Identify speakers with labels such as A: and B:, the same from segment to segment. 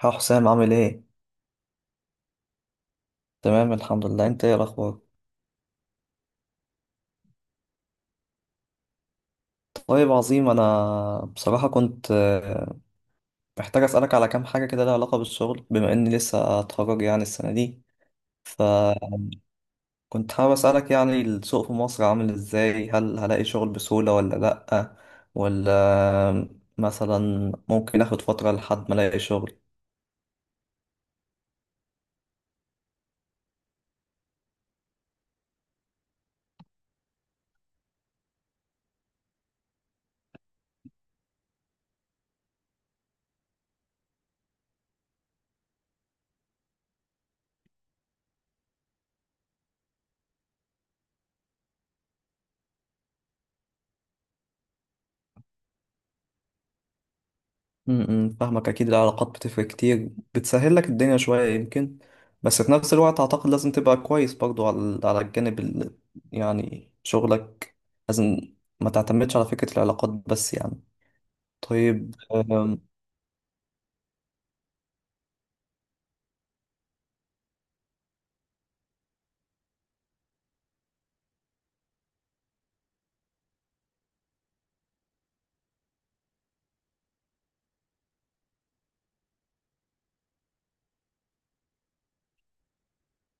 A: ها حسام عامل ايه؟ تمام الحمد لله، انت ايه الاخبار؟ طيب عظيم. انا بصراحة كنت محتاج اسألك على كام حاجة كده، لها علاقة بالشغل، بما اني لسه اتخرج يعني السنة دي. فكنت حابب اسألك، يعني السوق في مصر عامل ازاي؟ هل هلاقي شغل بسهولة ولا لأ؟ ولا مثلا ممكن اخد فترة لحد ما الاقي شغل؟ فاهمك، اكيد العلاقات بتفرق كتير، بتسهل لك الدنيا شوية يمكن. بس في نفس الوقت اعتقد لازم تبقى كويس برضو على الجانب يعني شغلك، لازم ما تعتمدش على فكرة العلاقات بس يعني. طيب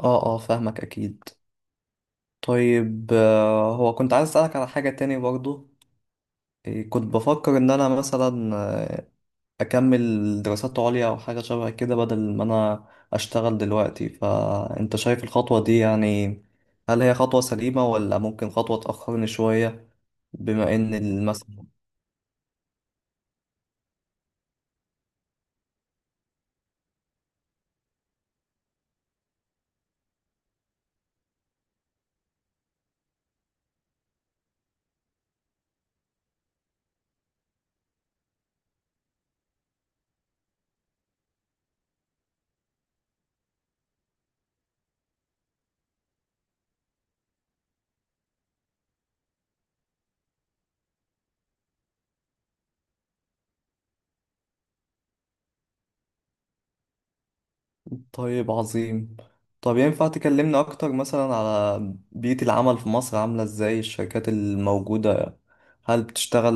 A: اه اه، فاهمك اكيد. طيب هو كنت عايز اسألك على حاجة تاني برضو. إيه، كنت بفكر ان انا مثلا اكمل دراسات عليا او حاجه شبه كده، بدل ما انا اشتغل دلوقتي. فانت شايف الخطوه دي يعني؟ هل هي خطوه سليمه، ولا ممكن خطوه تاخرني شويه، بما ان المثل... طيب عظيم. طب ينفع تكلمنا اكتر مثلا على بيئه العمل في مصر، عامله ازاي الشركات الموجوده؟ هل بتشتغل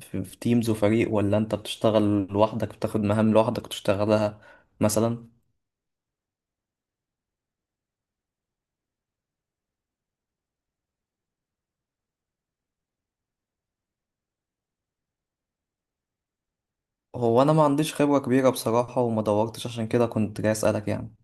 A: في تيمز وفريق، ولا انت بتشتغل لوحدك، بتاخد مهام لوحدك وتشتغلها مثلا؟ هو انا ما عنديش خبرة كبيرة بصراحة، وما دورتش، عشان كده كنت جاي اسألك يعني.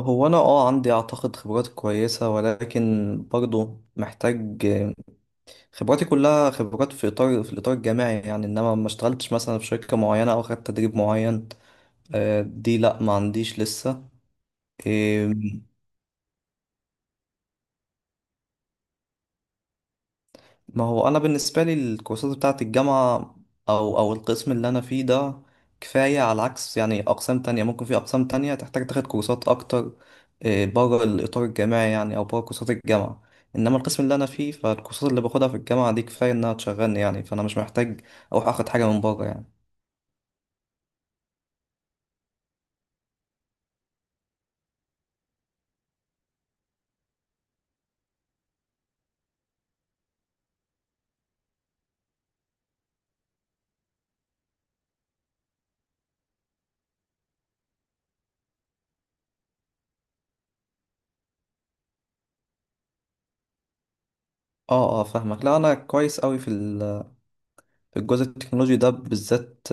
A: هو انا عندي اعتقد خبرات كويسة، ولكن برضه محتاج. خبراتي كلها خبرات في الاطار الجامعي يعني، انما ما اشتغلتش مثلا في شركة معينة، او خدت تدريب معين. دي لا، ما عنديش لسه. إيه، ما هو انا بالنسبه لي الكورسات بتاعه الجامعه، او القسم اللي انا فيه ده، كفايه. على عكس يعني اقسام تانية ممكن، في اقسام تانية تحتاج تاخد كورسات اكتر بره الاطار الجامعي يعني، او بره كورسات الجامعه. انما القسم اللي انا فيه، فالكورسات اللي باخدها في الجامعه دي كفايه انها تشغلني يعني، فانا مش محتاج اروح اخد حاجه من بره يعني. اه اه، فاهمك. لا انا كويس قوي في الجزء التكنولوجي ده بالذات،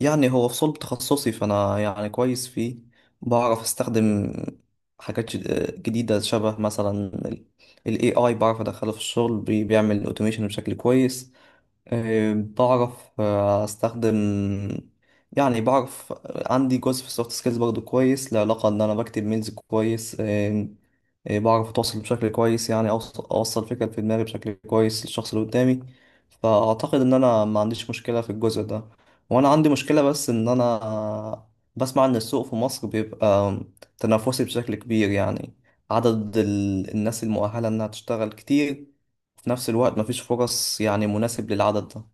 A: يعني هو في صلب تخصصي، فأنا يعني كويس فيه. بعرف أستخدم حاجات جديدة، شبه مثلا ال ال AI، بعرف أدخله في الشغل، بيعمل أوتوميشن بشكل كويس. آه، بعرف آه، استخدم، يعني بعرف. عندي جزء في السوفت سكيلز برضه كويس، له علاقة ان انا بكتب ميلز كويس. بعرف اتواصل بشكل كويس، يعني اوصل فكرة في دماغي بشكل كويس للشخص اللي قدامي، فاعتقد ان انا ما عنديش مشكلة في الجزء ده. وانا عندي مشكلة بس ان انا بسمع ان السوق في مصر بيبقى تنافسي بشكل كبير يعني، عدد الناس المؤهلة انها تشتغل كتير، في نفس الوقت مفيش فرص يعني مناسب للعدد ده.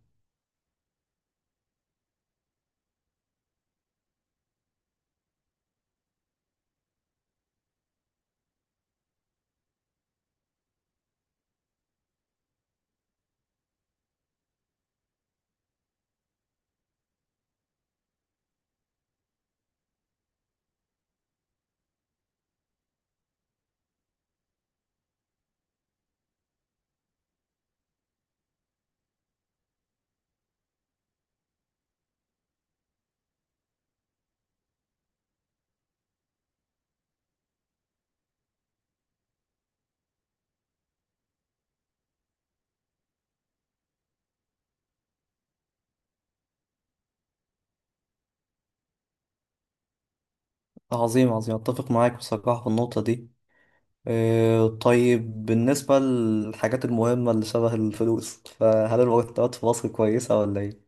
A: عظيم عظيم، أتفق معاك بصراحة في النقطة دي. طيب بالنسبة للحاجات المهمة اللي شبه الفلوس، فهل المرتبات في مصر كويسة ولا إيه؟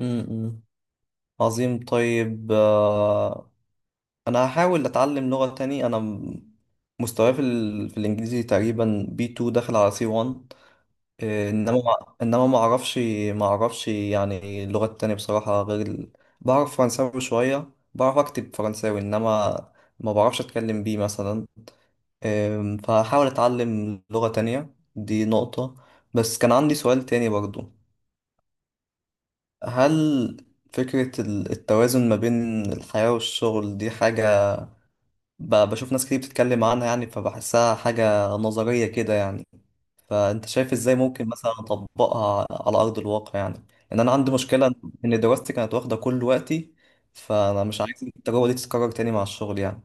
A: م-م. عظيم. طيب أنا هحاول أتعلم لغة تاني. أنا مستواي في الإنجليزي تقريبا B2 داخل على C1. إيه، انما ما اعرفش، يعني اللغات التانية بصراحة، غير ال... بعرف فرنساوي شوية، بعرف اكتب فرنساوي، انما ما بعرفش اتكلم بيه مثلا. إيه، فهحاول اتعلم لغة تانية، دي نقطة. بس كان عندي سؤال تاني برضو. هل فكرة التوازن ما بين الحياة والشغل دي حاجة، بشوف ناس كتير بتتكلم عنها يعني، فبحسها حاجة نظرية كده يعني. فانت شايف ازاي ممكن مثلا اطبقها على ارض الواقع يعني؟ لان انا عندي مشكله ان دراستي كانت واخده كل وقتي، فانا مش عايز التجربه دي تتكرر تاني مع الشغل يعني.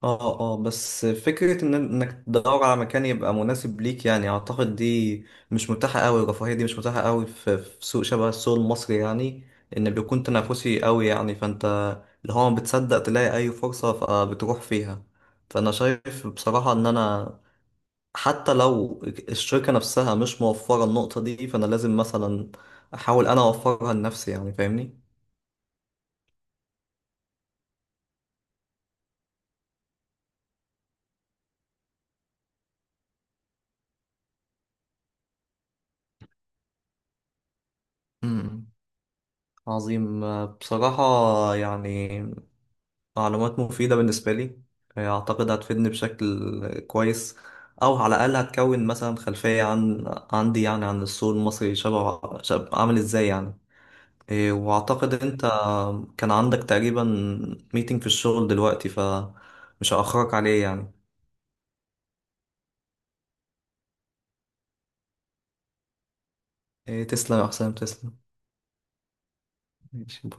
A: اه اه، بس فكرة إنك تدور على مكان يبقى مناسب ليك يعني، أعتقد دي مش متاحة أوي، الرفاهية دي مش متاحة أوي في سوق شبه السوق المصري يعني، إن بيكون تنافسي أوي يعني، فأنت اللي هو ما بتصدق تلاقي أي فرصة فبتروح فيها. فأنا شايف بصراحة إن أنا حتى لو الشركة نفسها مش موفرة النقطة دي، فأنا لازم مثلا أحاول أنا أوفرها لنفسي يعني، فاهمني؟ امم عظيم. بصراحة يعني معلومات مفيدة بالنسبة لي، أعتقد هتفيدني بشكل كويس، أو على الأقل هتكون مثلا خلفية عندي يعني عن السوق المصري شبه عامل إزاي يعني. إيه، وأعتقد أنت كان عندك تقريبا ميتنج في الشغل دلوقتي، فمش هأخرك عليه يعني. إيه، تسلم يا حسام، تسلم. ماشي، باي.